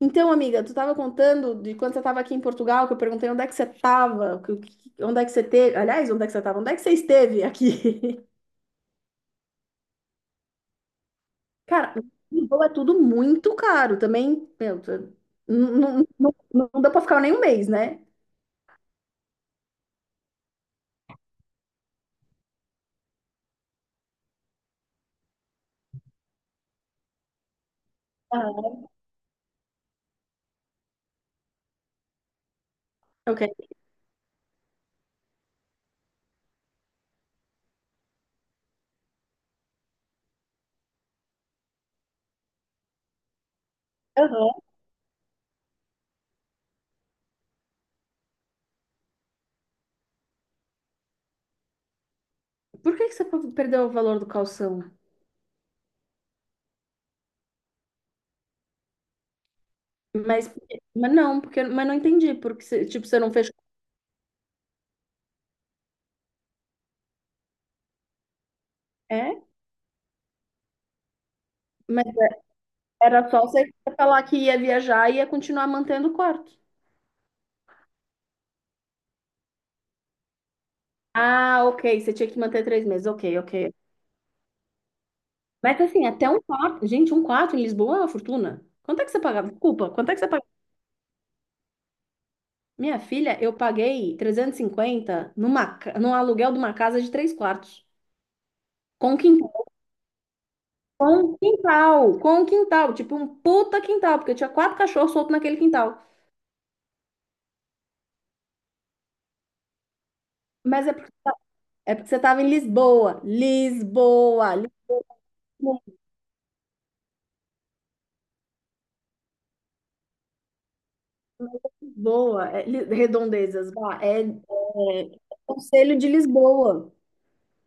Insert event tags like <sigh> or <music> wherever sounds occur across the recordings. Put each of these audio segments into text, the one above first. Então, amiga, tu estava contando de quando você estava aqui em Portugal, que eu perguntei onde é que você estava, onde é que você teve, aliás, onde é que você estava, onde é que você esteve aqui? <laughs> Cara, Lisboa é tudo muito caro também, meu, não, não, não, não dá pra ficar nem um mês, né? Ah, ok. Aham. Por que que você perdeu o valor do calção? Mas, mas não, porque, mas não entendi, porque, tipo, você não fechou, é? Mas era só você falar que ia viajar e ia continuar mantendo o corte. Ah, ok. Você tinha que manter 3 meses. Ok, ok. Mas assim, até um quarto. Gente, um quarto em Lisboa é uma fortuna. Quanto é que você pagava? Desculpa, quanto é que você pagava? Minha filha, eu paguei 350 num aluguel de uma casa de 3 quartos. Com quintal. Com quintal. Com quintal. Tipo um puta quintal, porque eu tinha quatro cachorros soltos naquele quintal. Mas é porque você tava em Lisboa. Lisboa. Lisboa. Lisboa. É, redondezas. Vá, é Conselho de Lisboa.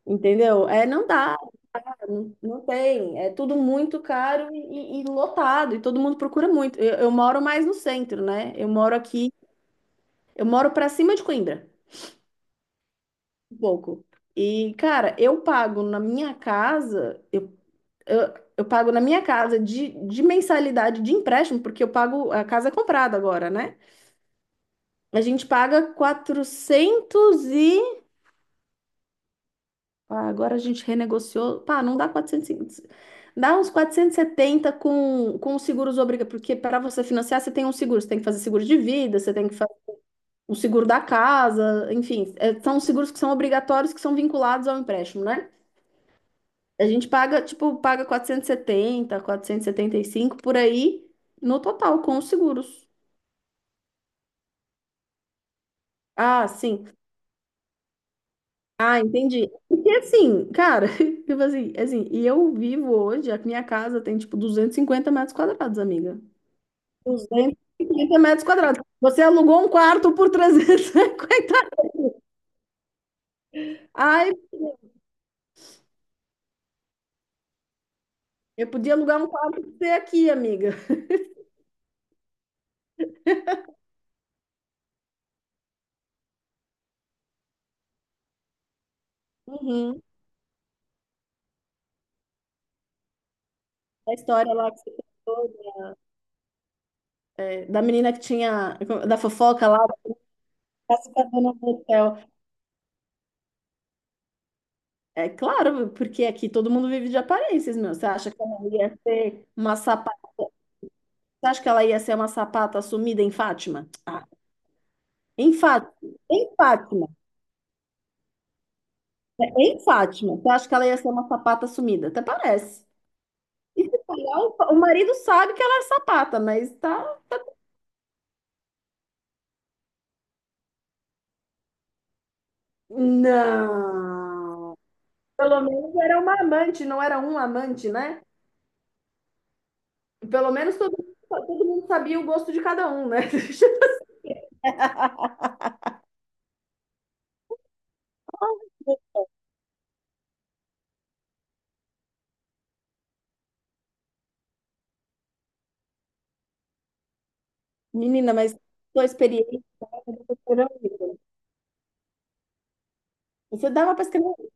Entendeu? É, não dá. Não, não tem, é tudo muito caro e, lotado, e todo mundo procura muito. Eu moro mais no centro, né? Eu moro aqui, eu moro pra cima de Coimbra, um pouco. E, cara, eu pago na minha casa, eu, eu pago na minha casa de, mensalidade de empréstimo, porque eu pago, a casa é comprada agora, né? A gente paga 400 e. Ah, agora a gente renegociou. Pá, não dá 400, dá uns 470 com, os seguros obrigatórios, porque para você financiar, você tem um seguro, você tem que fazer seguro de vida, você tem que fazer o seguro da casa, enfim, é, são os seguros que são obrigatórios, que são vinculados ao empréstimo, né? A gente paga, tipo, paga quatrocentos quatrocentos e setenta quatrocentos e setenta e cinco por aí no total com os seguros. Ah, sim. Ah, entendi. Porque assim, cara, <laughs> tipo assim, e eu vivo hoje, a minha casa tem tipo 250 metros quadrados, amiga. 250 metros quadrados. Você alugou um quarto por 350. Ai, eu podia alugar um quarto pra você aqui, amiga. Uhum. A história lá que você contou, né? É, da menina que tinha, da fofoca lá, da classificadora do hotel. É claro, porque aqui todo mundo vive de aparências, meu. Você acha que ela ia ser uma sapata? Você acha que ela ia ser uma sapata sumida em Fátima? Ah, em Fátima. Em Fátima. É, em Fátima. Você acha que ela ia ser uma sapata sumida? Até parece. E se falar, o marido sabe que ela é sapata, mas tá. Não. Pelo menos era uma amante, não era um amante, né? Pelo menos todo mundo sabia o gosto de cada um, né? <laughs> Menina, mas sua experiência será horrível. Você dava pra escrever. Eu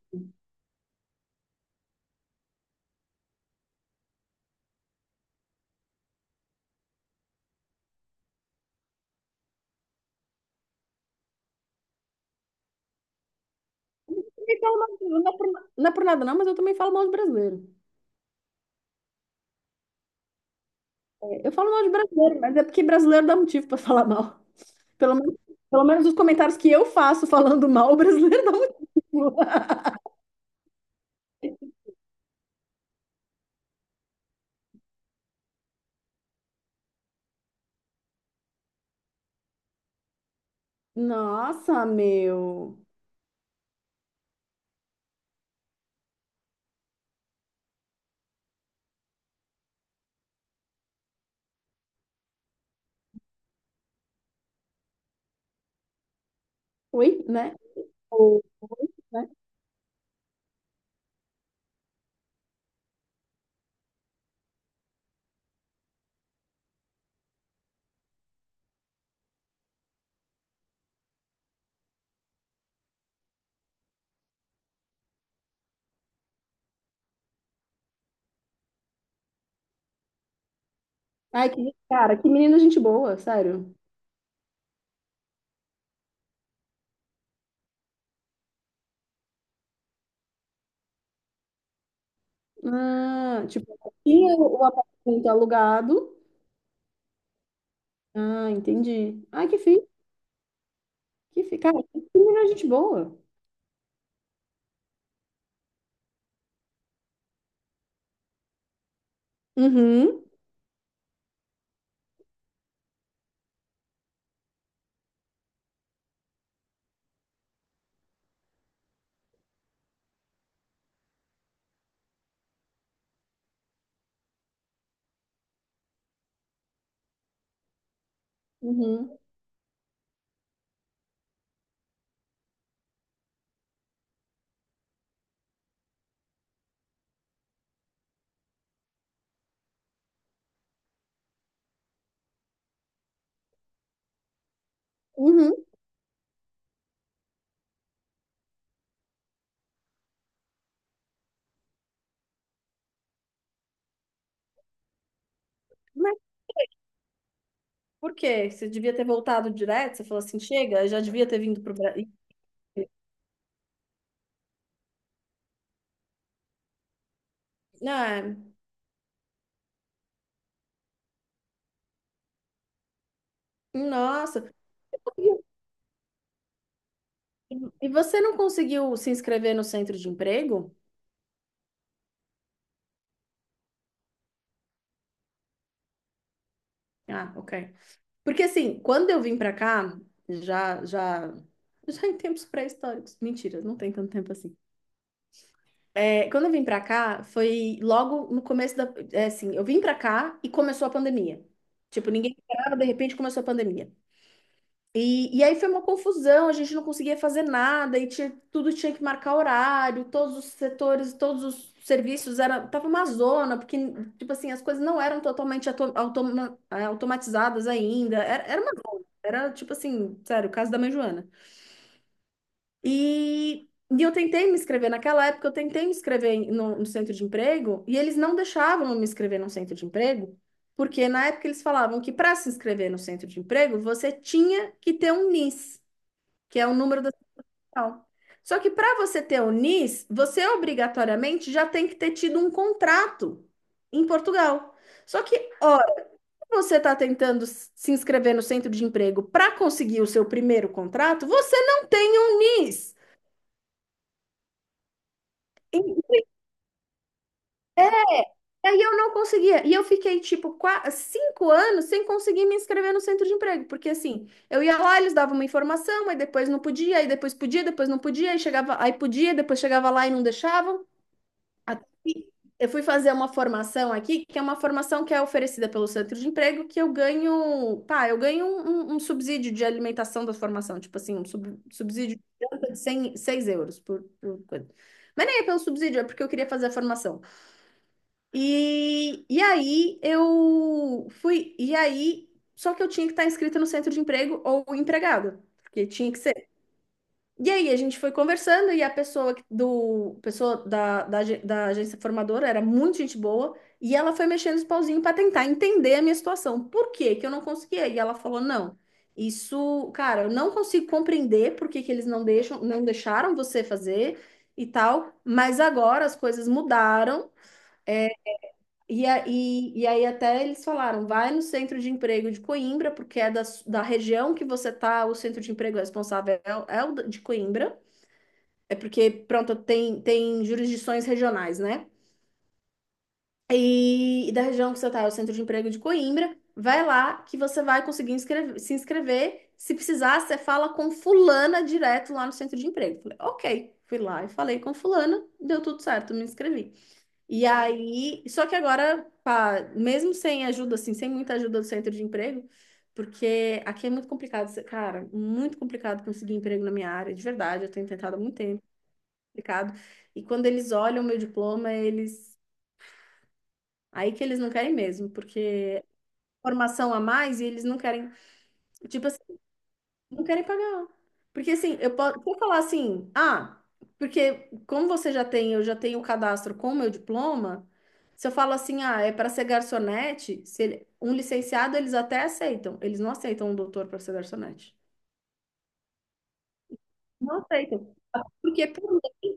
também falo mal de- Não é por nada, não, mas eu também falo mal de brasileiro. É, eu falo mal de brasileiro, mas é porque brasileiro dá motivo pra falar mal. Pelo menos, pelo menos os comentários que eu faço falando mal, o brasileiro dá motivo. <laughs> Nossa, meu. Oi, né? Ou, oi, né? Ai, que cara, que menina gente boa, sério. Ah, tipo, tinha o apartamento alugado. Ah, entendi. Ai, cara, que menina gente boa. Uhum, uhum, uhum. Mas por quê? Você devia ter voltado direto? Você falou assim, chega, eu já devia ter vindo pro Brasil. Ah, nossa. E você não conseguiu se inscrever no centro de emprego? Ah, ok. Porque assim, quando eu vim pra cá, já, já, já em tempos pré-históricos. Mentira, não tem tanto tempo assim. É, quando eu vim pra cá, foi logo no começo da, é, assim, eu vim pra cá e começou a pandemia. Tipo, ninguém esperava, de repente começou a pandemia. E aí foi uma confusão, a gente não conseguia fazer nada, e tinha, tudo tinha que marcar horário, todos os setores, todos os serviços, era, tava uma zona, porque, tipo assim, as coisas não eram totalmente automatizadas ainda, era, era uma zona, era, tipo assim, sério, o caso da mãe Joana. E, e eu tentei me inscrever, naquela época eu tentei me inscrever no centro de emprego, e eles não deixavam eu me inscrever no centro de emprego, porque na época eles falavam que para se inscrever no centro de emprego, você tinha que ter um NIS que é o número da central. Só que para você ter o NIS, você obrigatoriamente já tem que ter tido um contrato em Portugal. Só que, ora, você está tentando se inscrever no centro de emprego para conseguir o seu primeiro contrato, você não tem um NIS. E é, e aí eu não conseguia. E eu fiquei, tipo, quase 5 anos sem conseguir me inscrever no centro de emprego. Porque, assim, eu ia lá, eles davam uma informação, aí depois não podia, aí depois podia, depois não podia, aí chegava, aí podia, depois chegava lá e não deixavam. Até que eu fui fazer uma formação aqui, que é uma formação que é oferecida pelo centro de emprego, que eu ganho, pá, eu ganho um subsídio de alimentação da formação, tipo assim, um subsídio de janta de 100, 6 € por, coisa. Mas nem é pelo subsídio, é porque eu queria fazer a formação. E aí eu fui, e aí, só que eu tinha que estar inscrita no centro de emprego ou empregado, porque tinha que ser e aí a gente foi conversando e a pessoa que- do pessoa da agência formadora era muito gente boa e ela foi mexendo os pauzinhos para tentar entender a minha situação. Por que que eu não conseguia? E ela falou: "Não, isso, cara, eu não consigo compreender por que que eles não deixam, não deixaram você fazer e tal, mas agora as coisas mudaram. é, e aí até eles falaram, vai no centro de emprego de Coimbra, porque é da região que você tá, o centro de emprego responsável é o de Coimbra. É porque, pronto, tem jurisdições regionais, né? E da região que você está, o Centro de Emprego de Coimbra, vai lá que você vai conseguir se inscrever. Se precisar, você fala com fulana direto lá no Centro de Emprego. Falei, ok. Fui lá e falei com fulana, deu tudo certo, me inscrevi. E aí, só que agora, pá, mesmo sem ajuda, assim, sem muita ajuda do Centro de Emprego, porque aqui é muito complicado, cara, muito complicado conseguir emprego na minha área, de verdade, eu tenho tentado há muito tempo complicado. E quando eles olham o meu diploma, eles. Aí que eles não querem mesmo, porque é formação a mais e eles não querem. Tipo assim, não querem pagar. Porque assim, eu posso se eu falar assim, ah, porque como você já tem, eu já tenho o cadastro com o meu diploma, se eu falo assim, ah, é para ser garçonete, se ele- um licenciado eles até aceitam. Eles não aceitam um doutor para ser garçonete. Não aceitam. Porque por lei,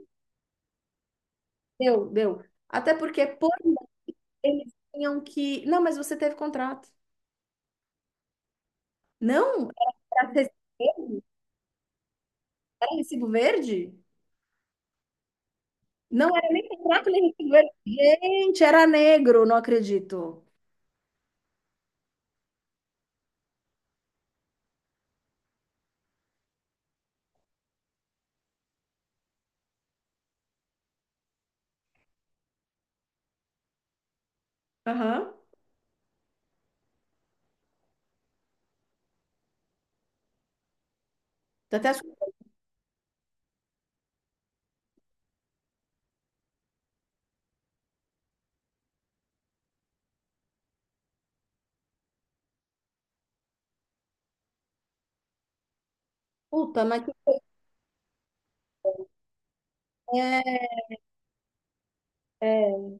deu, deu. Até porque por lei, eles tinham que. Não, mas você teve contrato. Não, era recibo verde? Era recibo verde? Não era nem contrato, nem recibo verde. Gente, era negro, não acredito. Aham. Tô até achando, puta, mas que é,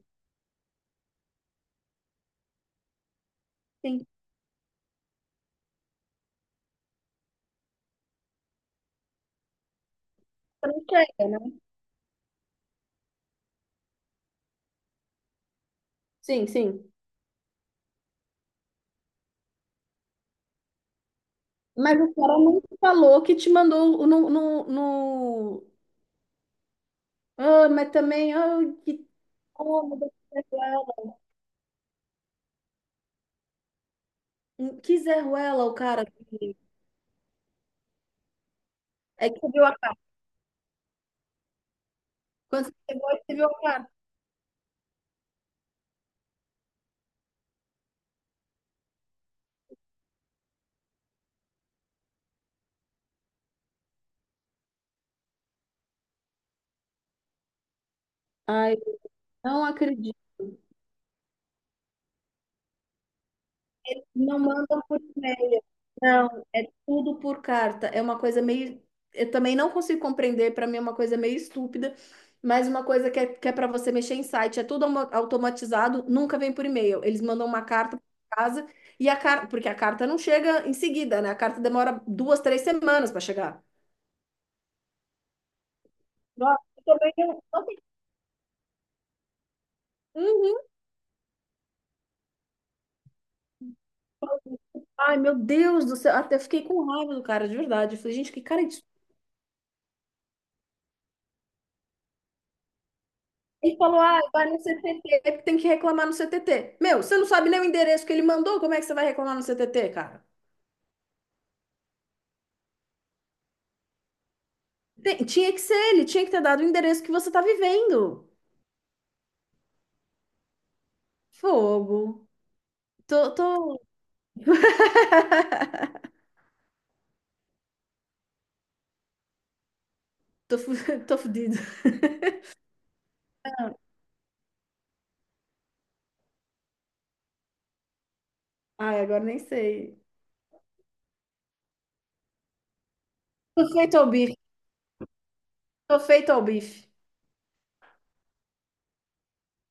sim, não chega, né? Sim, sim. Mas o cara não falou que te mandou no... Ah, mas também, ah, que como que Zé Ruela, hum, que Zé Ruela, o cara que... É que você viu a cara. Quando você chegou, você viu a cara. Ai, não acredito. Não mandam por e-mail. Não, é tudo por carta. É uma coisa meio. Eu também não consigo compreender, para mim é uma coisa meio estúpida, mas uma coisa que é para você mexer em site. É tudo automatizado, nunca vem por e-mail. Eles mandam uma carta para casa e a carta. Porque a carta não chega em seguida, né? A carta demora 2, 3 semanas para chegar. Nossa, eu também não tem- Uhum. Ai, meu Deus do céu, até fiquei com raiva do cara, de verdade. Eu falei, gente, que cara. Ele falou, ah, vai no CTT, é que tem que reclamar no CTT. Meu, você não sabe nem o endereço que ele mandou, como é que você vai reclamar no CTT, cara? Tinha que ser ele, tinha que ter dado o endereço que você tá vivendo. Fogo. Tô, <laughs> tô, fu- <laughs> tô fudido. Ai, agora nem sei. Tô feito ao bife, tô feito ao bife.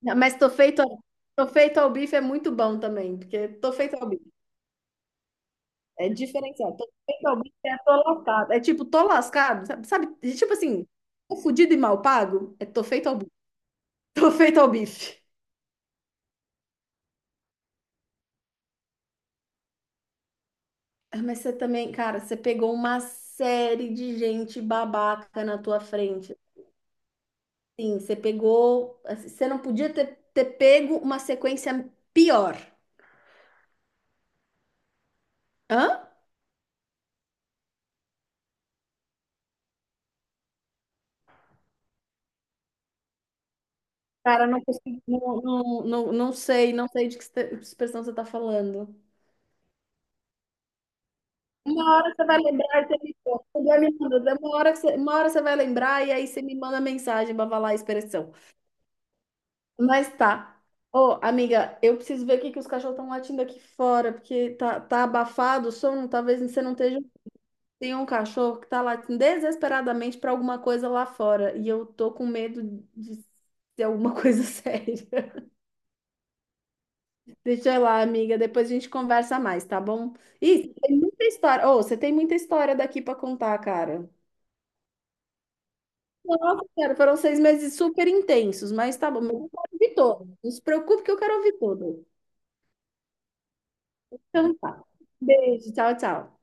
Não, mas tô feito, tô feito ao bife é muito bom também, porque tô feito ao bife. É diferenciado. É tô lascado. É tipo, tô lascado, sabe? Tipo assim, tô fudido e mal pago. É tô feito ao bife. <laughs> Tô feito ao bife. Ah, mas você também, cara, você pegou uma série de gente babaca na tua frente. Sim, você pegou. Assim, você não podia ter, pego uma sequência pior. Hã? Cara, não consigo, não, não, não, não sei de que expressão você tá falando. Uma hora você vai lembrar e você me conta. Você vai me mandando. Uma hora você vai lembrar e aí você me manda mensagem pra falar a expressão. Mas tá. Ô, amiga, eu preciso ver o que que os cachorros estão latindo aqui fora, porque tá, abafado o som. Talvez você não esteja. Tem um cachorro que tá latindo desesperadamente pra alguma coisa lá fora. E eu tô com medo de ser alguma <laughs> coisa séria. Deixa eu ir lá, amiga. Depois a gente conversa mais, tá bom? Ih, tem muita história. Ô, você tem muita história daqui pra contar, cara. Nossa, cara, foram 6 meses super intensos, mas tá bom, mas eu quero ouvir todo. Não se preocupe que eu quero ouvir todo. Então tá. Beijo, tchau, tchau.